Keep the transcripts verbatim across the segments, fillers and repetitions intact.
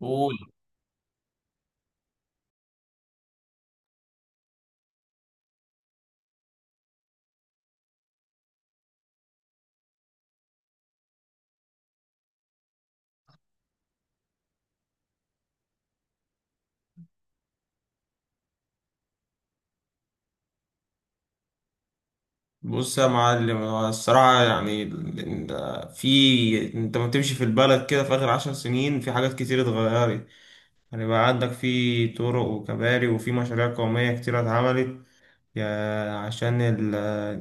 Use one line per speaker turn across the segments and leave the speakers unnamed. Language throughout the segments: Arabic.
قول. بص يا معلم، هو الصراحة يعني ال- ال- في انت ما بتمشي في البلد كده في آخر عشر سنين، في حاجات كتير اتغيرت. يعني بقى عندك في طرق وكباري وفي مشاريع قومية كتير اتعملت. يا- عشان ال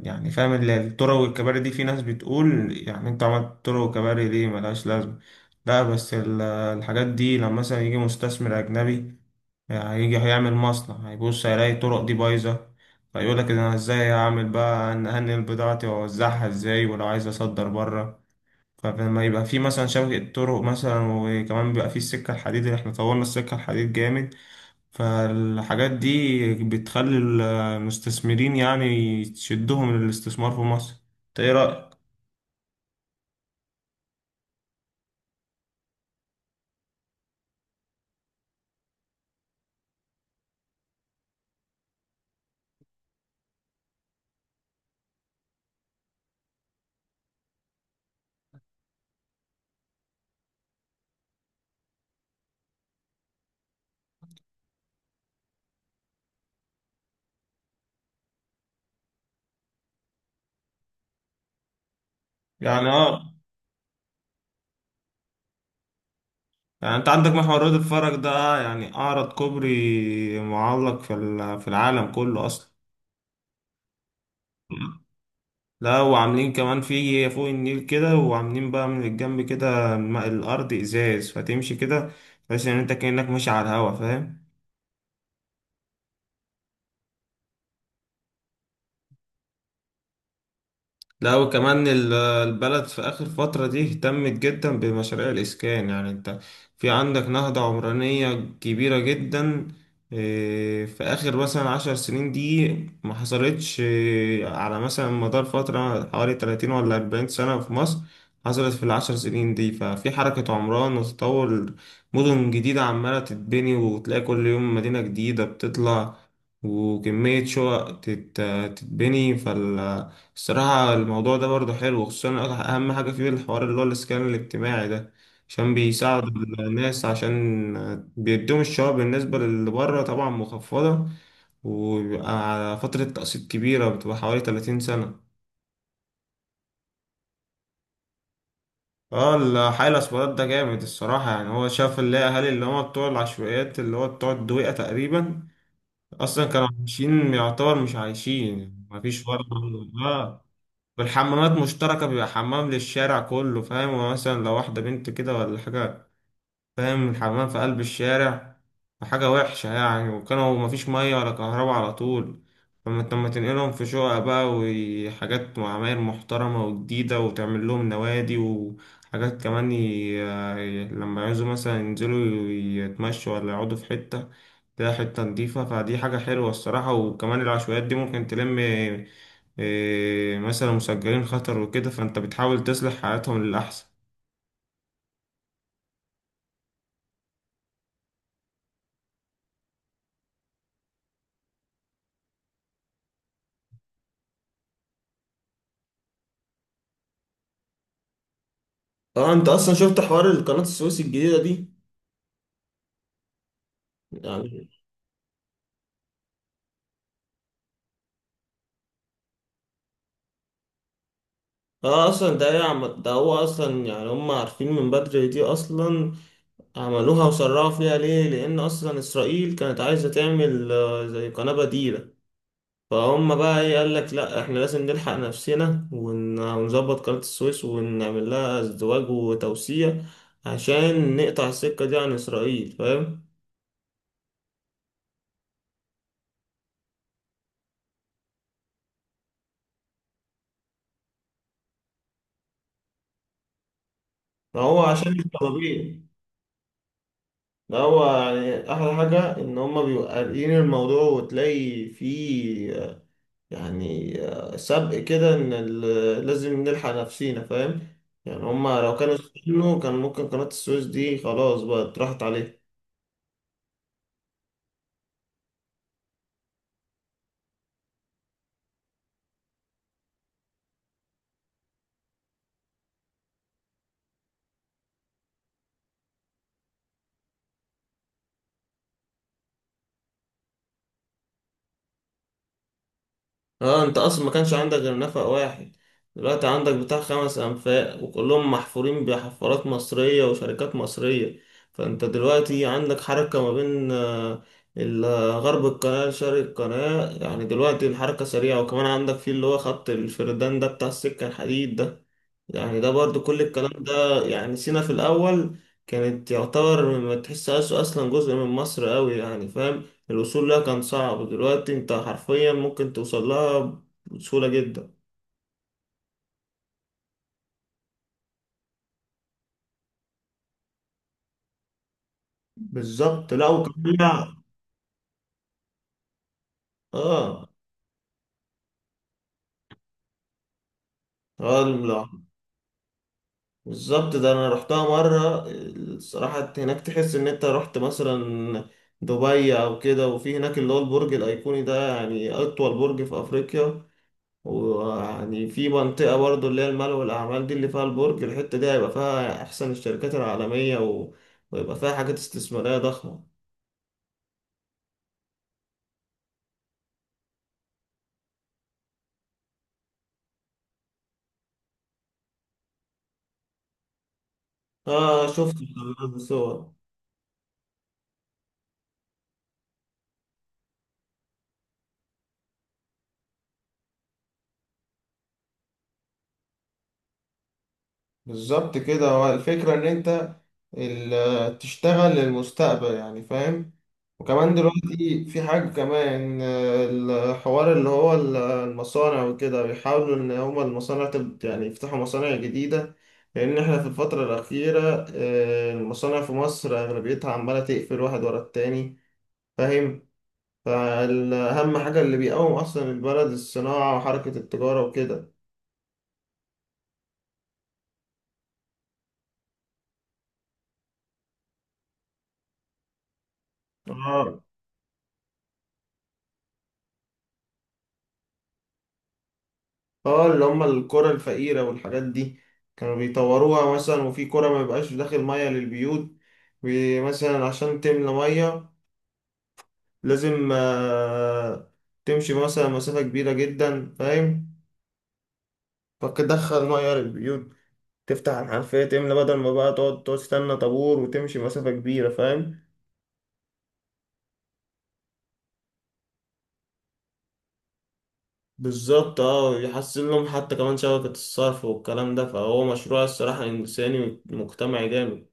يعني فاهم، ال- الطرق والكباري دي في ناس بتقول يعني انت عملت طرق وكباري ليه ملهاش لازمة. لا بس ال- الحاجات دي لما مثلا يجي مستثمر أجنبي هيجي هيعمل مصنع، هيبص هيلاقي الطرق دي بايظة، فيقول لك انا ازاي هعمل بقى، ان هنقل بضاعتي واوزعها ازاي، ولو عايز اصدر بره. فلما يبقى في مثلا شبكة طرق، مثلا، وكمان بيبقى في السكة الحديد، اللي احنا طورنا السكة الحديد جامد، فالحاجات دي بتخلي المستثمرين يعني تشدهم للاستثمار في مصر. انت ايه رأيك؟ يعني اه، يعني انت عندك محور رياض الفرج ده، يعني اعرض كوبري معلق في ال- في العالم كله اصلا. لا، وعاملين كمان في فوق النيل كده، وعاملين بقى من الجنب كده، الم- الأرض إزاز فتمشي كده تحس إن أنت كأنك ماشي على الهوا، فاهم. لا، وكمان ال- البلد في آخر فترة دي اهتمت جدا بمشاريع الإسكان. يعني أنت في عندك نهضة عمرانية كبيرة جدا، إيه، في آخر مثلا عشر سنين دي ما حصلتش، إيه، على مثلا مدار فترة حوالي تلاتين ولا أربعين سنة في مصر، حصلت في العشر سنين دي. ففي حركة عمران وتطور، مدن جديدة عمالة تتبني وتلاقي كل يوم مدينة جديدة بتطلع، وكمية شقق تت- تتبني فال الصراحة الموضوع ده برضه حلو، خصوصا أهم حاجة فيه الحوار اللي هو الإسكان الاجتماعي ده، عشان بيساعدوا مم. الناس، عشان بيدوهم الشباب بالنسبة للي بره طبعا مخفضة، وبيبقى على فترة تقسيط كبيرة، بتبقى حوالي تلاتين سنة. اه الحي الأسمرات ده جامد الصراحة، يعني هو شاف اللي هي أهالي، اللي هما بتوع العشوائيات اللي هو بتوع الدويقة تقريبا، أصلا كانوا عايشين يعتبر مش عايشين، مفيش فرق. اه، والحمامات مشتركة، بيبقى حمام للشارع كله، فاهم، ومثلا لو واحدة بنت كده ولا حاجة، فاهم، الحمام في قلب الشارع، فحاجة وحشة يعني. وكانوا مفيش مية ولا كهرباء على طول. فما انت لما تنقلهم في شقق بقى وحاجات وعماير محترمة وجديدة، وتعمل لهم نوادي وحاجات كمان، ي... ي- لما يعوزوا مثلا ينزلوا يتمشوا ولا يقعدوا في حتة، تلاقي حتة نضيفة، فدي حاجة حلوة الصراحة. وكمان العشوائيات دي ممكن تلم إيه، مثلا مسجلين خطر وكده، فانت بتحاول تصلح حياتهم للأحسن. اه انت اصلا شفت حوار القناة السويس الجديدة دي؟ يعني اه اصلا ده هي عم... ده هو اصلا يعني هم عارفين من بدري دي اصلا. عملوها وسرعوا فيها ليه؟ لان اصلا اسرائيل كانت عايزة تعمل آه، زي قناة بديلة، فهم بقى ايه، قال لك لا احنا لازم نلحق نفسنا ون... ونظبط قناة السويس ونعمل لها ازدواج وتوسيع عشان نقطع السكة دي عن اسرائيل، فاهم. ده هو عشان مش طالبين. ده هو يعني أحلى حاجة إن هما بيبقوا قاريين الموضوع وتلاقي فيه آه، يعني آه، سبق كده إن ال- لازم نلحق نفسينا، فاهم. يعني هما لو كانوا استنوا كان ممكن قناة السويس دي خلاص بقى راحت عليه. اه انت اصلا ما كانش عندك غير نفق واحد، دلوقتي عندك بتاع خمس انفاق وكلهم محفورين بحفارات مصرية وشركات مصرية. فانت دلوقتي عندك حركة ما بين آه، ال- غرب القناة لشرق القناة، يعني دلوقتي الحركة سريعة. وكمان عندك في اللي هو خط الفردان ده بتاع السكة الحديد ده. يعني ده برضو كل الكلام ده، يعني سينا في الأول كانت يعتبر ما تحسهاش أصلا جزء من مصر أوي، يعني فاهم، الوصول لها كان صعب، دلوقتي أنت حرفيا ممكن توصل لها بسهولة جدا. بالظبط. لا وكمان اه. اه. لا بالظبط، ده أنا رحتها مرة، الصراحة هناك تحس إن أنت رحت مثلا دبي أو كده. وفي هناك اللي هو البرج الأيقوني ده، يعني أطول برج في أفريقيا، ويعني في منطقة برضو اللي هي المال والأعمال دي، اللي فيها البرج، الحتة دي هيبقى فيها أحسن الشركات العالمية و... ويبقى فيها حاجات استثمارية ضخمة. آه شفت الصور. بالظبط كده، هو الفكرة إن أنت ال- تشتغل للمستقبل، يعني فاهم. وكمان دلوقتي في حاجة كمان، آه، الحوار اللي هو ال- المصانع وكده، بيحاولوا إن هما المصانع تب- يعني يفتحوا مصانع جديدة، لأن إحنا في الفترة الأخيرة آه، المصانع في مصر أغلبيتها عمالة تقفل واحد ورا التاني، فاهم، فأهم حاجة اللي بيقوم أصلا البلد الصناعة وحركة التجارة وكده. اه اللي هم القرى الفقيرة والحاجات دي، كانوا بيطوروها مثلا. وفي قرى ما يبقاش داخل مية للبيوت، بي- مثلا عشان تملى مية لازم آه، تمشي مثلا مسافة كبيرة جدا، فاهم، فتدخل مية للبيوت، تفتح الحنفية تملى، بدل ما بقى تقعد تقعد تستنى طابور وتمشي مسافة كبيرة، فاهم. بالظبط، اه، يحسن لهم حتى كمان شبكة الصرف والكلام ده، فهو مشروع الصراحة إنساني ومجتمعي جامد.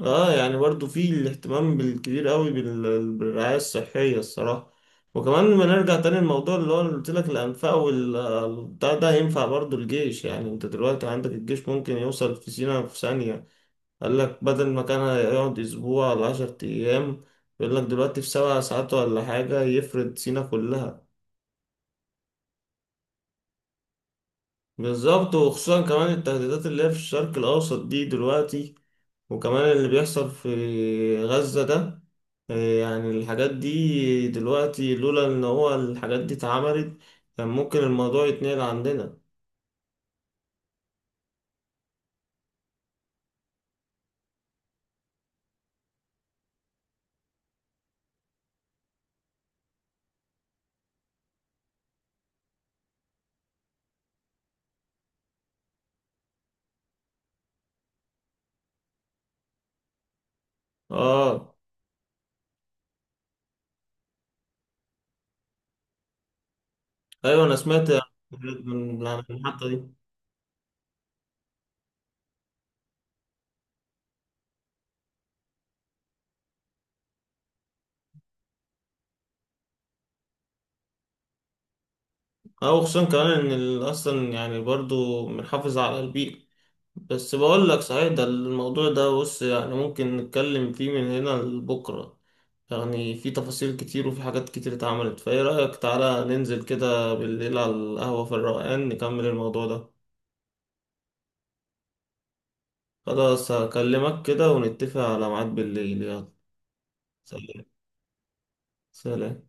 اه، يعني برضو في الاهتمام بالكبير قوي بال- بالرعاية الصحية الصراحة. وكمان لما نرجع تاني الموضوع اللي هو اللي قلت لك الأنفاق والبتاع ده، ينفع برضو الجيش، يعني انت دلوقتي عندك الجيش ممكن يوصل في سينا في ثانية، قال لك بدل ما كان هيقعد أسبوع ولا عشر أيام، يقول لك دلوقتي في سبع ساعات ولا حاجة يفرد سينا كلها. بالظبط، وخصوصا كمان التهديدات اللي هي في الشرق الأوسط دي دلوقتي، وكمان اللي بيحصل في غزة ده، آه، يعني الحاجات دي دلوقتي لولا ان هو الحاجات دي اتعملت كان ممكن الموضوع يتنقل عندنا. اه، ايوه انا سمعت من، عن المحطة دي. اه، وخصوصا كمان ان ال- اصلا يعني برضو بنحافظ على البيئة. بس بقول لك صحيح، ده الموضوع ده بص يعني ممكن نتكلم فيه من هنا لبكرة، يعني في تفاصيل كتير وفي حاجات كتير اتعملت. فايه رأيك، تعالى ننزل كده بالليل على القهوة في الروقان، نكمل الموضوع ده. خلاص، هكلمك كده ونتفق على ميعاد بالليل، يلا. سلام. سلام.